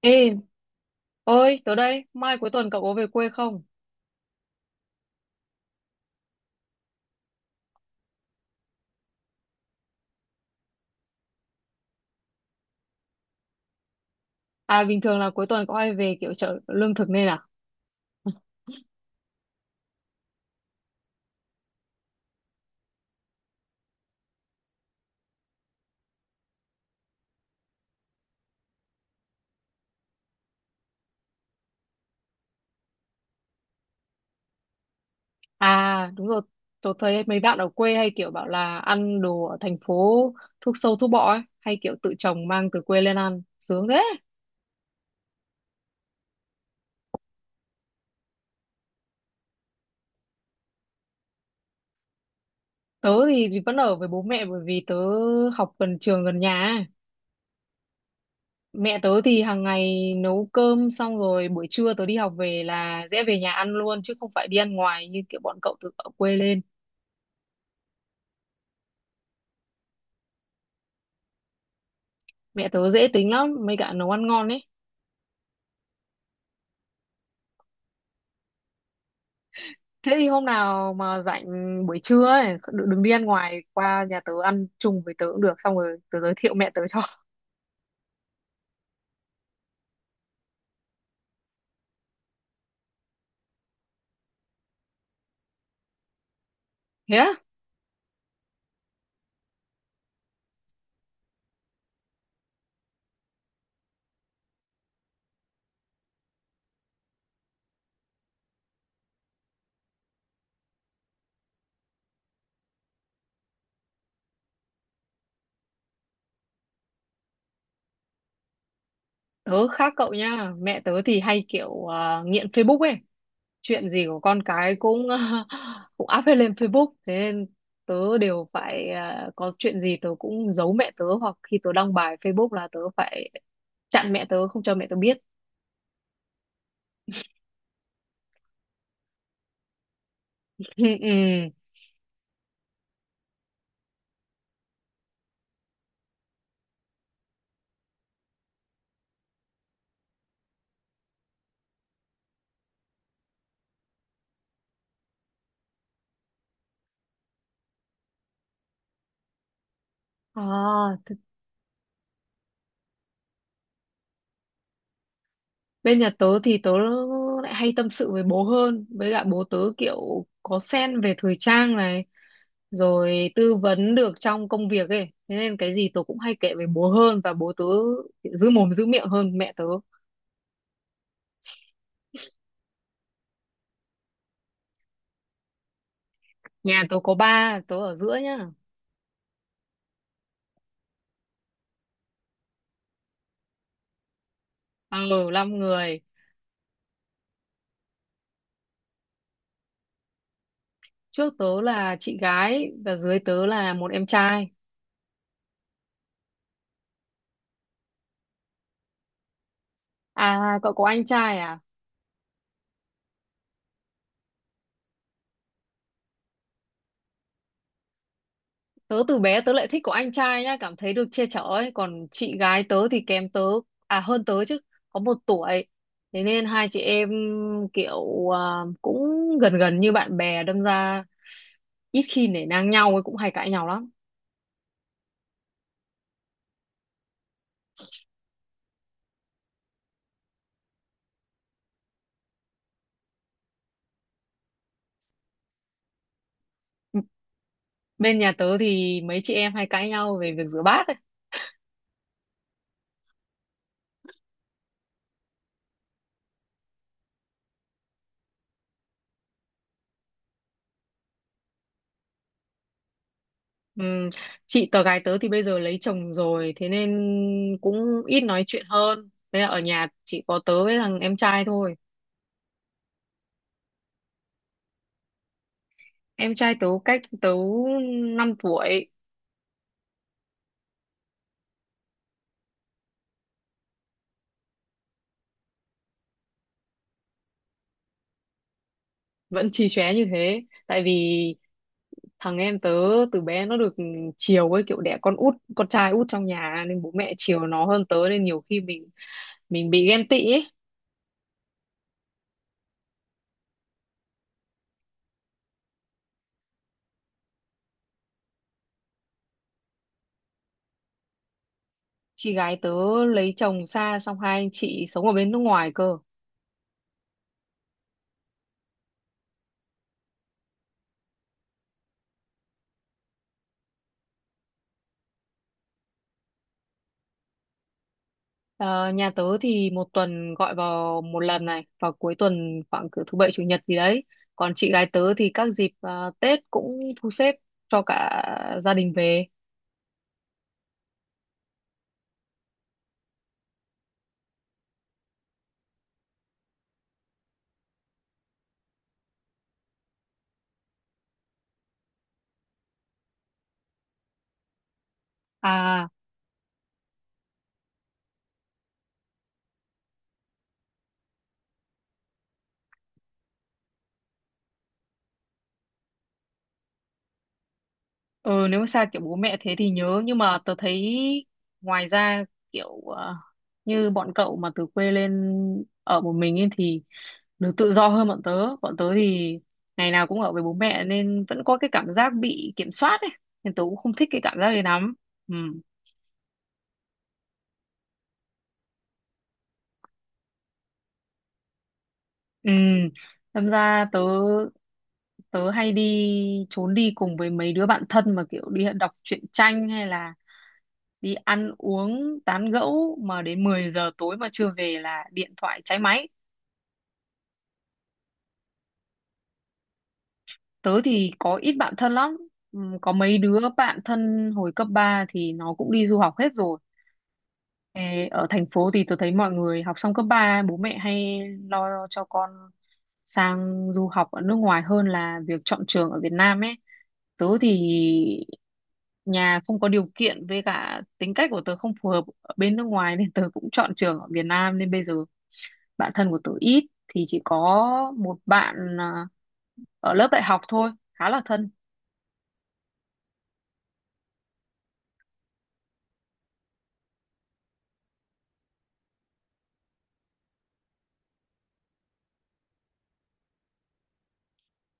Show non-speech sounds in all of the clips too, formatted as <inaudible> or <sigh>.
Ê, ơi, tớ đây, mai cuối tuần cậu có về quê không? À, bình thường là cuối tuần có hay về kiểu chợ lương thực nên à? À, đúng rồi, tớ thấy mấy bạn ở quê hay kiểu bảo là ăn đồ ở thành phố thuốc sâu thuốc bọ ấy, hay kiểu tự trồng mang từ quê lên ăn, sướng thế. Tớ thì vẫn ở với bố mẹ bởi vì tớ học gần trường gần nhà ấy. Mẹ tớ thì hàng ngày nấu cơm xong rồi buổi trưa tớ đi học về là dễ về nhà ăn luôn chứ không phải đi ăn ngoài như kiểu bọn cậu từ ở quê lên. Mẹ tớ dễ tính lắm, mấy cả nấu ăn ngon ấy. Thế thì hôm nào mà rảnh buổi trưa ấy đừng đừng đi ăn ngoài qua nhà tớ ăn chung với tớ cũng được, xong rồi tớ giới thiệu mẹ tớ cho. <laughs> Thế á? Tớ khác cậu nha, mẹ tớ thì hay kiểu nghiện Facebook ấy, chuyện gì của con cái cũng <laughs> cũng up hết lên Facebook, thế nên tớ đều phải có chuyện gì tớ cũng giấu mẹ tớ, hoặc khi tớ đăng bài Facebook là tớ phải chặn mẹ tớ không cho mẹ tớ biết. <laughs> Ừ, ừ. À, bên nhà tớ thì tớ lại hay tâm sự với bố hơn. Với cả bố tớ kiểu có sen về thời trang này. Rồi tư vấn được trong công việc ấy. Thế nên cái gì tớ cũng hay kể với bố hơn. Và bố tớ kiểu giữ mồm giữ miệng hơn mẹ tớ. Nhà tớ có ba, tớ ở giữa nhá. Ừ, năm người. Trước tớ là chị gái và dưới tớ là một em trai. À, cậu có anh trai à? Tớ từ bé tớ lại thích của anh trai nhá, cảm thấy được che chở ấy. Còn chị gái tớ thì kém tớ, à hơn tớ chứ, có một tuổi. Thế nên hai chị em kiểu cũng gần gần như bạn bè, đâm ra ít khi nể nang nhau ấy, cũng hay cãi nhau lắm. Bên nhà tớ thì mấy chị em hay cãi nhau về việc rửa bát ấy. Ừm, Chị gái tớ thì bây giờ lấy chồng rồi, thế nên cũng ít nói chuyện hơn. Thế là ở nhà chỉ có tớ với thằng em trai thôi. Em trai tớ cách tớ 5 tuổi. Vẫn chì chóe như thế tại vì thằng em tớ từ bé nó được chiều ấy, kiểu đẻ con út con trai út trong nhà nên bố mẹ chiều nó hơn tớ, nên nhiều khi mình bị ghen tị ấy. Chị gái tớ lấy chồng xa, xong hai anh chị sống ở bên nước ngoài cơ. Ờ, nhà tớ thì một tuần gọi vào một lần này, vào cuối tuần khoảng cỡ thứ bảy chủ nhật gì đấy, còn chị gái tớ thì các dịp Tết cũng thu xếp cho cả gia đình về. À, ừ, nếu mà xa kiểu bố mẹ thế thì nhớ, nhưng mà tớ thấy ngoài ra kiểu như bọn cậu mà từ quê lên ở một mình ấy thì được tự do hơn bọn tớ, bọn tớ thì ngày nào cũng ở với bố mẹ nên vẫn có cái cảm giác bị kiểm soát ấy, nên tớ cũng không thích cái cảm giác đấy lắm. Ừ, ừ, đâm ra tớ tớ hay đi trốn đi cùng với mấy đứa bạn thân, mà kiểu đi đọc truyện tranh hay là đi ăn uống tán gẫu mà đến 10 giờ tối mà chưa về là điện thoại cháy máy. Tớ thì có ít bạn thân lắm. Có mấy đứa bạn thân hồi cấp 3 thì nó cũng đi du học hết rồi. Ê, ở thành phố thì tớ thấy mọi người học xong cấp 3 bố mẹ hay lo cho con sang du học ở nước ngoài hơn là việc chọn trường ở Việt Nam ấy, tớ thì nhà không có điều kiện với cả tính cách của tớ không phù hợp ở bên nước ngoài nên tớ cũng chọn trường ở Việt Nam, nên bây giờ bạn thân của tớ ít, thì chỉ có một bạn à, ở lớp đại học thôi khá là thân.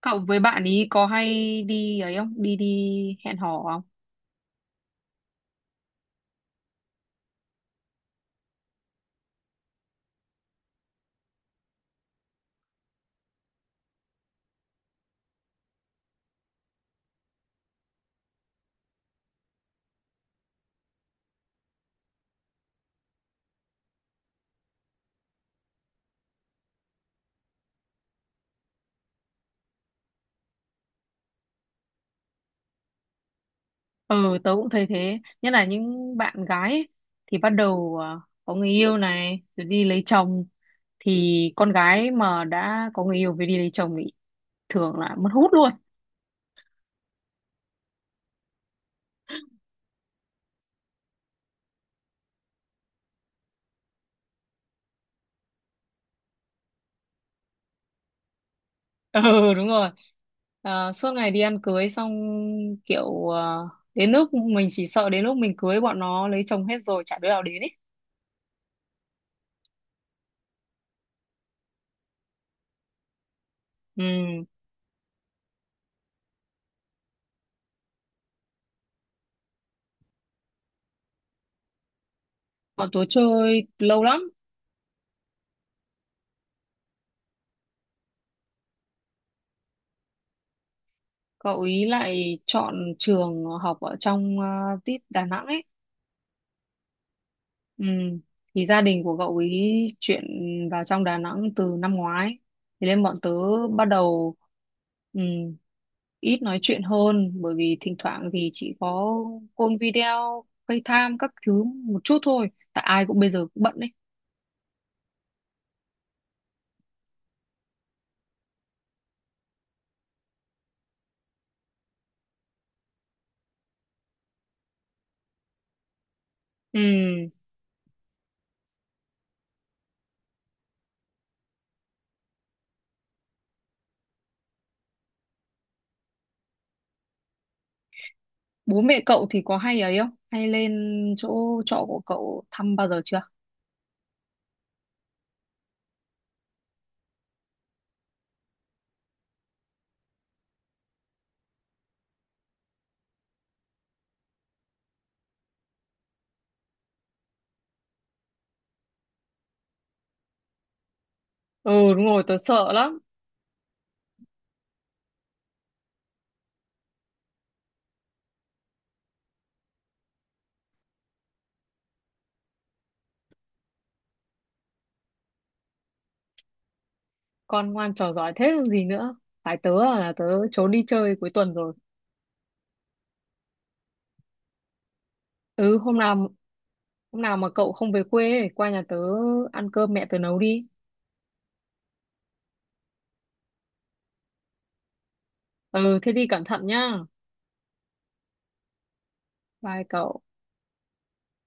Cậu với bạn ý có hay đi ấy không, đi đi hẹn hò không? Ừ, tớ cũng thấy thế, nhất là những bạn gái ấy, thì bắt đầu có người yêu này rồi đi lấy chồng, thì con gái mà đã có người yêu về đi lấy chồng thì thường là mất hút luôn. Ừ, đúng rồi. Ờ, suốt ngày đi ăn cưới xong kiểu đến lúc mình chỉ sợ đến lúc mình cưới bọn nó lấy chồng hết rồi chả đứa nào đến ấy. Ừ. Bọn tớ chơi lâu lắm. Cậu ý lại chọn trường học ở trong tít Đà Nẵng ấy. Ừ. Thì gia đình của cậu ý chuyển vào trong Đà Nẵng từ năm ngoái. Thế nên bọn tớ bắt đầu ừ, ít nói chuyện hơn, bởi vì thỉnh thoảng thì chỉ có call video, FaceTime các thứ một chút thôi. Tại ai cũng bây giờ cũng bận đấy. Ừ. Bố mẹ cậu thì có hay ấy không? Hay lên chỗ trọ của cậu thăm bao giờ chưa? Ừ, đúng rồi, tớ sợ lắm. Con ngoan trò giỏi thế còn gì nữa. Phải tớ là tớ trốn đi chơi cuối tuần rồi. Ừ, hôm nào mà cậu không về quê ấy, qua nhà tớ ăn cơm mẹ tớ nấu đi. Ừ, thế đi cẩn thận nhá. Bye cậu.